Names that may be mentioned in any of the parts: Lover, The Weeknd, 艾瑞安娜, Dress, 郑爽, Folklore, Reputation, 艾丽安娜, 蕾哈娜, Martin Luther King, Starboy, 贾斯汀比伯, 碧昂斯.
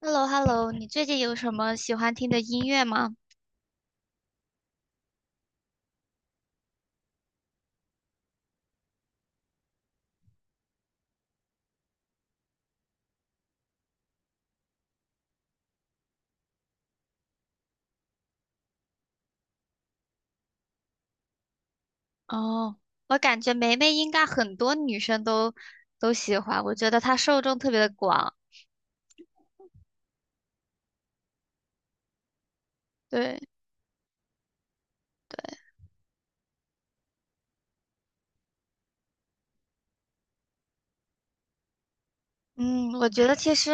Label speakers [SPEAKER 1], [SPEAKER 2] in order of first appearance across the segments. [SPEAKER 1] Hello hello 你最近有什么喜欢听的音乐吗？哦，我感觉梅梅应该很多女生都喜欢，我觉得她受众特别的广。对，嗯，我觉得其实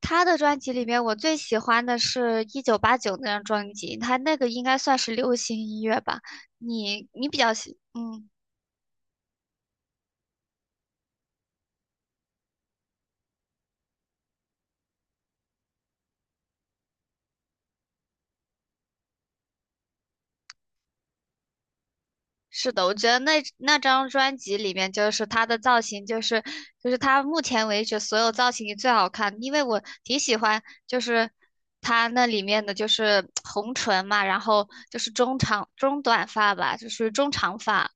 [SPEAKER 1] 她的专辑里面，我最喜欢的是《一九八九那张专辑，她那个应该算是流行音乐吧。你你比较喜，嗯，是的，我觉得那张专辑里面，就是她的造型，就是她目前为止所有造型里最好看，因为我挺喜欢，就是她那里面的就是红唇嘛，然后就是中长中短发吧，就是中长发，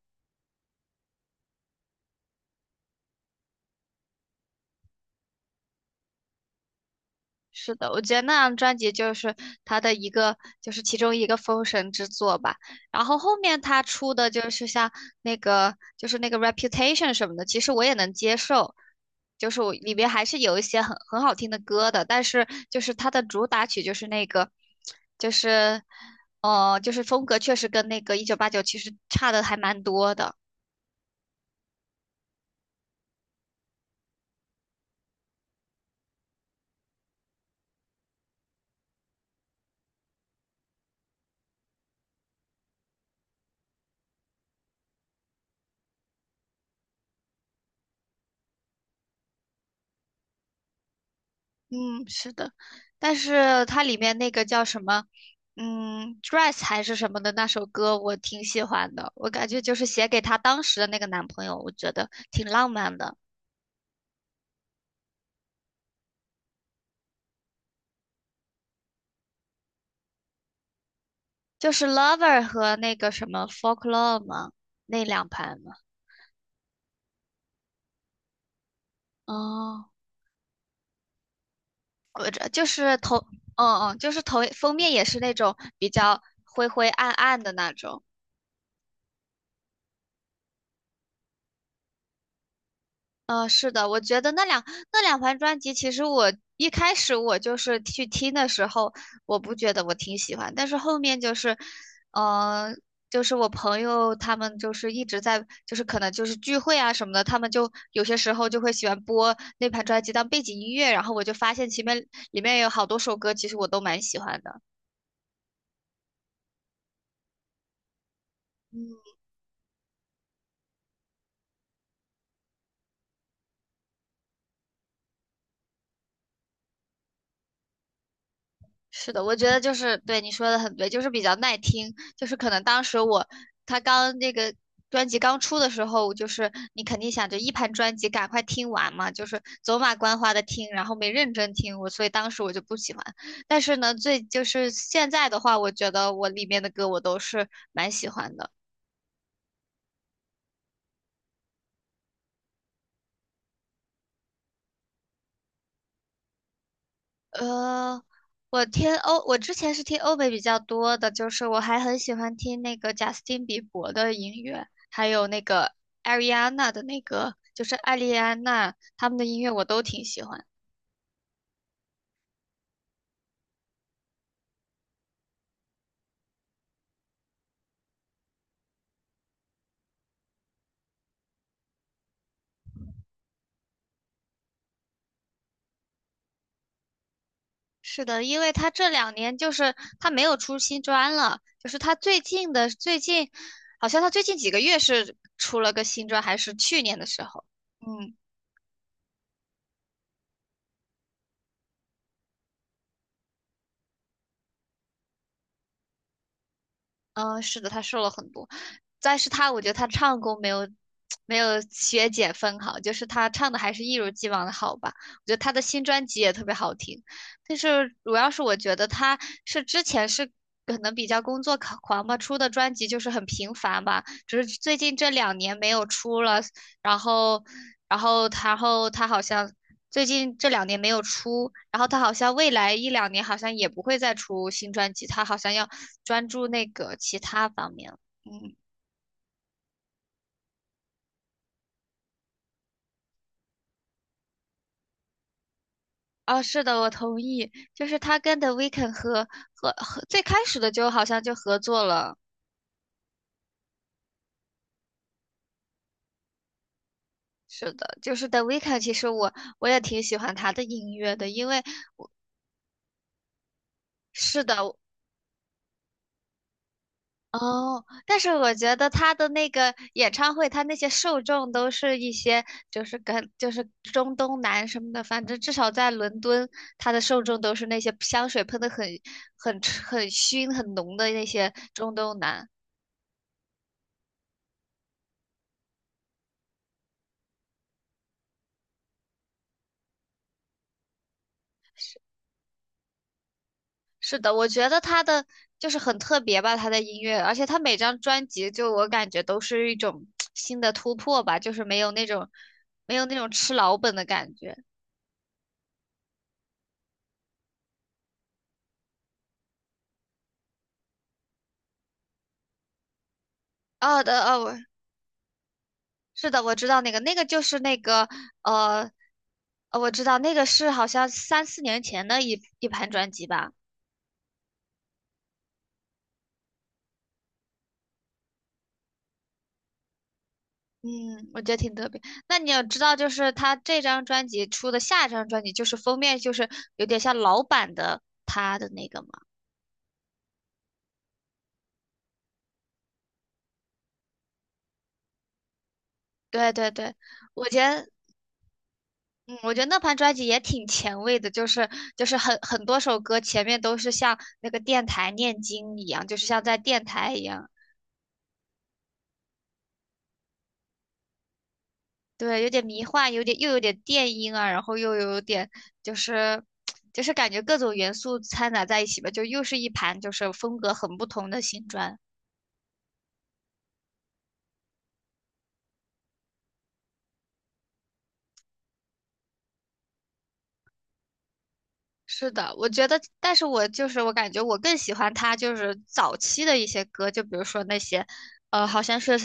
[SPEAKER 1] 是的，我觉得那张专辑就是他的一个，就是其中一个封神之作吧。然后后面他出的就是像那个，就是那个 Reputation 什么的，其实我也能接受，就是我里面还是有一些很好听的歌的。但是就是他的主打曲就是那个，就是，就是风格确实跟那个一九八九其实差的还蛮多的。嗯，是的，但是它里面那个叫什么，Dress 还是什么的那首歌，我挺喜欢的。我感觉就是写给她当时的那个男朋友，我觉得挺浪漫的。就是 Lover 和那个什么 Folklore 嘛，那两盘嘛。哦，我这就是头，嗯嗯，就是头封面也是那种比较灰灰暗暗的那种。嗯，是的，我觉得那两盘专辑，其实我一开始我就是去听的时候，我不觉得我挺喜欢，但是后面就是，呃，就是我朋友他们就是一直在，就是可能就是聚会啊什么的，他们就有些时候就会喜欢播那盘专辑当背景音乐，然后我就发现前面里面有好多首歌，其实我都蛮喜欢的。是的，我觉得就是对你说的很对，就是比较耐听。就是可能当时我他刚那个专辑刚出的时候，就是你肯定想着一盘专辑赶快听完嘛，就是走马观花的听，然后没认真听我，所以当时我就不喜欢。但是呢，最就是现在的话，我觉得我里面的歌我都是蛮喜欢的。呃，我之前是听欧美比较多的，就是我还很喜欢听那个贾斯汀比伯的音乐，还有那个艾瑞安娜的那个，就是艾丽安娜他们的音乐我都挺喜欢。是的，因为他这两年就是他没有出新专了，就是他最近的最近，好像他最近几个月是出了个新专，还是去年的时候。嗯。嗯，是的，他瘦了很多，但是他我觉得他唱功没有学姐分好，就是他唱的还是一如既往的好吧。我觉得他的新专辑也特别好听，但是主要是我觉得他是之前是可能比较工作狂吧，出的专辑就是很频繁吧，只是最近这两年没有出了，然后，然后他好像最近这两年没有出，然后他好像未来一两年好像也不会再出新专辑，他好像要专注那个其他方面了。嗯，哦，是的，我同意，就是他跟 The Weeknd 和最开始的就好像就合作了。是的，就是 The Weeknd,其实我我也挺喜欢他的音乐的，因为是的，哦，但是我觉得他的那个演唱会，他那些受众都是一些就是跟就是中东南什么的，反正至少在伦敦，他的受众都是那些香水喷的很很很熏很浓的那些中东男。是的，我觉得他的就是很特别吧，他的音乐，而且他每张专辑就我感觉都是一种新的突破吧，就是没有那种吃老本的感觉。哦的哦，是的，我知道那个，那个就是那个，呃，我知道那个是好像三四年前的一盘专辑吧，嗯，我觉得挺特别。那你要知道，就是他这张专辑出的下一张专辑，就是封面就是有点像老版的他的那个嘛。对对对，我觉得，嗯，我觉得那盘专辑也挺前卫的，就是很多首歌前面都是像那个电台念经一样，就是像在电台一样。对，有点迷幻，有点又有点电音啊，然后又有点就是就是感觉各种元素掺杂在一起吧，就又是一盘就是风格很不同的新专。是的，我觉得，但是我就是我感觉我更喜欢他就是早期的一些歌，就比如说那些，好像是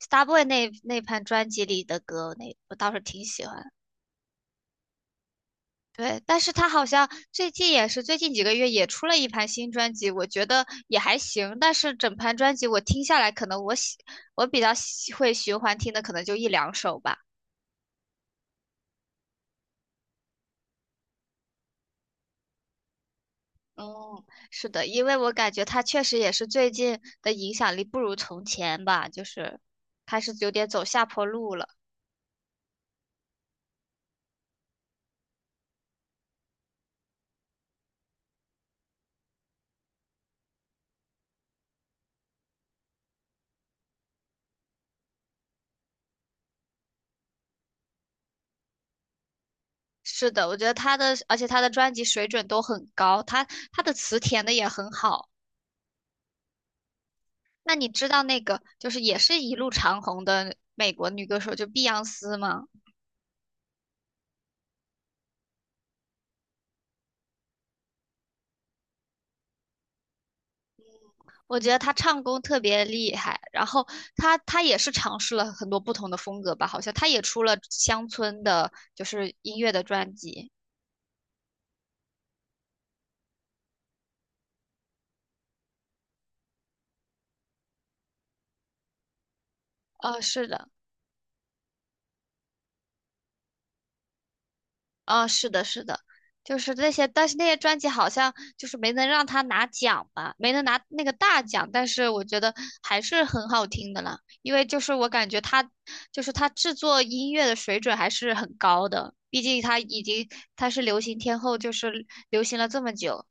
[SPEAKER 1] Starboy 那盘专辑里的歌，那我倒是挺喜欢。对，但是他好像最近也是最近几个月也出了一盘新专辑，我觉得也还行。但是整盘专辑我听下来，可能我比较喜会循环听的，可能就一两首吧。嗯，是的，因为我感觉他确实也是最近的影响力不如从前吧，就是开始有点走下坡路了。是的，我觉得而且他的专辑水准都很高，他的词填的也很好。那你知道那个就是也是一路长红的美国女歌手，就碧昂斯吗？我觉得她唱功特别厉害，然后她也是尝试了很多不同的风格吧，好像她也出了乡村的，就是音乐的专辑。是的。啊、是的，是的，就是那些，但是那些专辑好像就是没能让他拿奖吧，没能拿那个大奖，但是我觉得还是很好听的啦，因为就是我感觉他，就是他制作音乐的水准还是很高的，毕竟他已经他是流行天后，就是流行了这么久。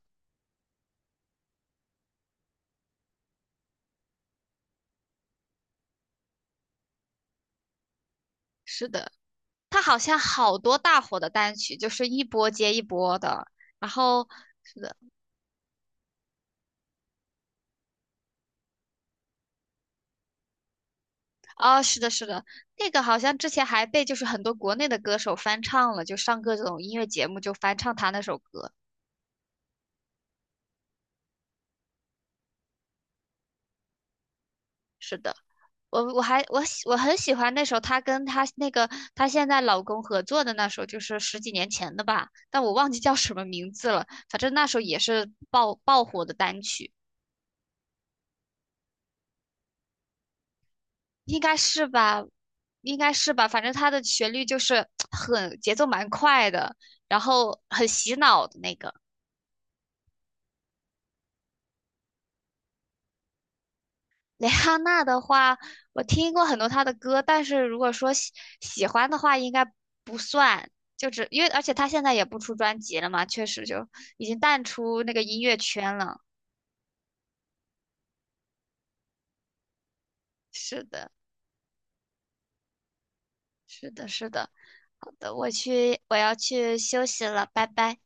[SPEAKER 1] 是的，他好像好多大火的单曲，就是一波接一波的，然后。是的。哦，是的，是的，那个好像之前还被就是很多国内的歌手翻唱了，就上各种音乐节目就翻唱他那首歌。是的，我很喜欢那首她跟她那个她现在老公合作的那首，就是十几年前的吧，但我忘记叫什么名字了。反正那首也是爆火的单曲，应该是吧，应该是吧。反正它的旋律就是很节奏蛮快的，然后很洗脑的那个。蕾哈娜的话，我听过很多她的歌，但是如果说喜欢的话，应该不算，就只因为而且她现在也不出专辑了嘛，确实就已经淡出那个音乐圈了。是的，是的，是的。好的，我要去休息了，拜拜。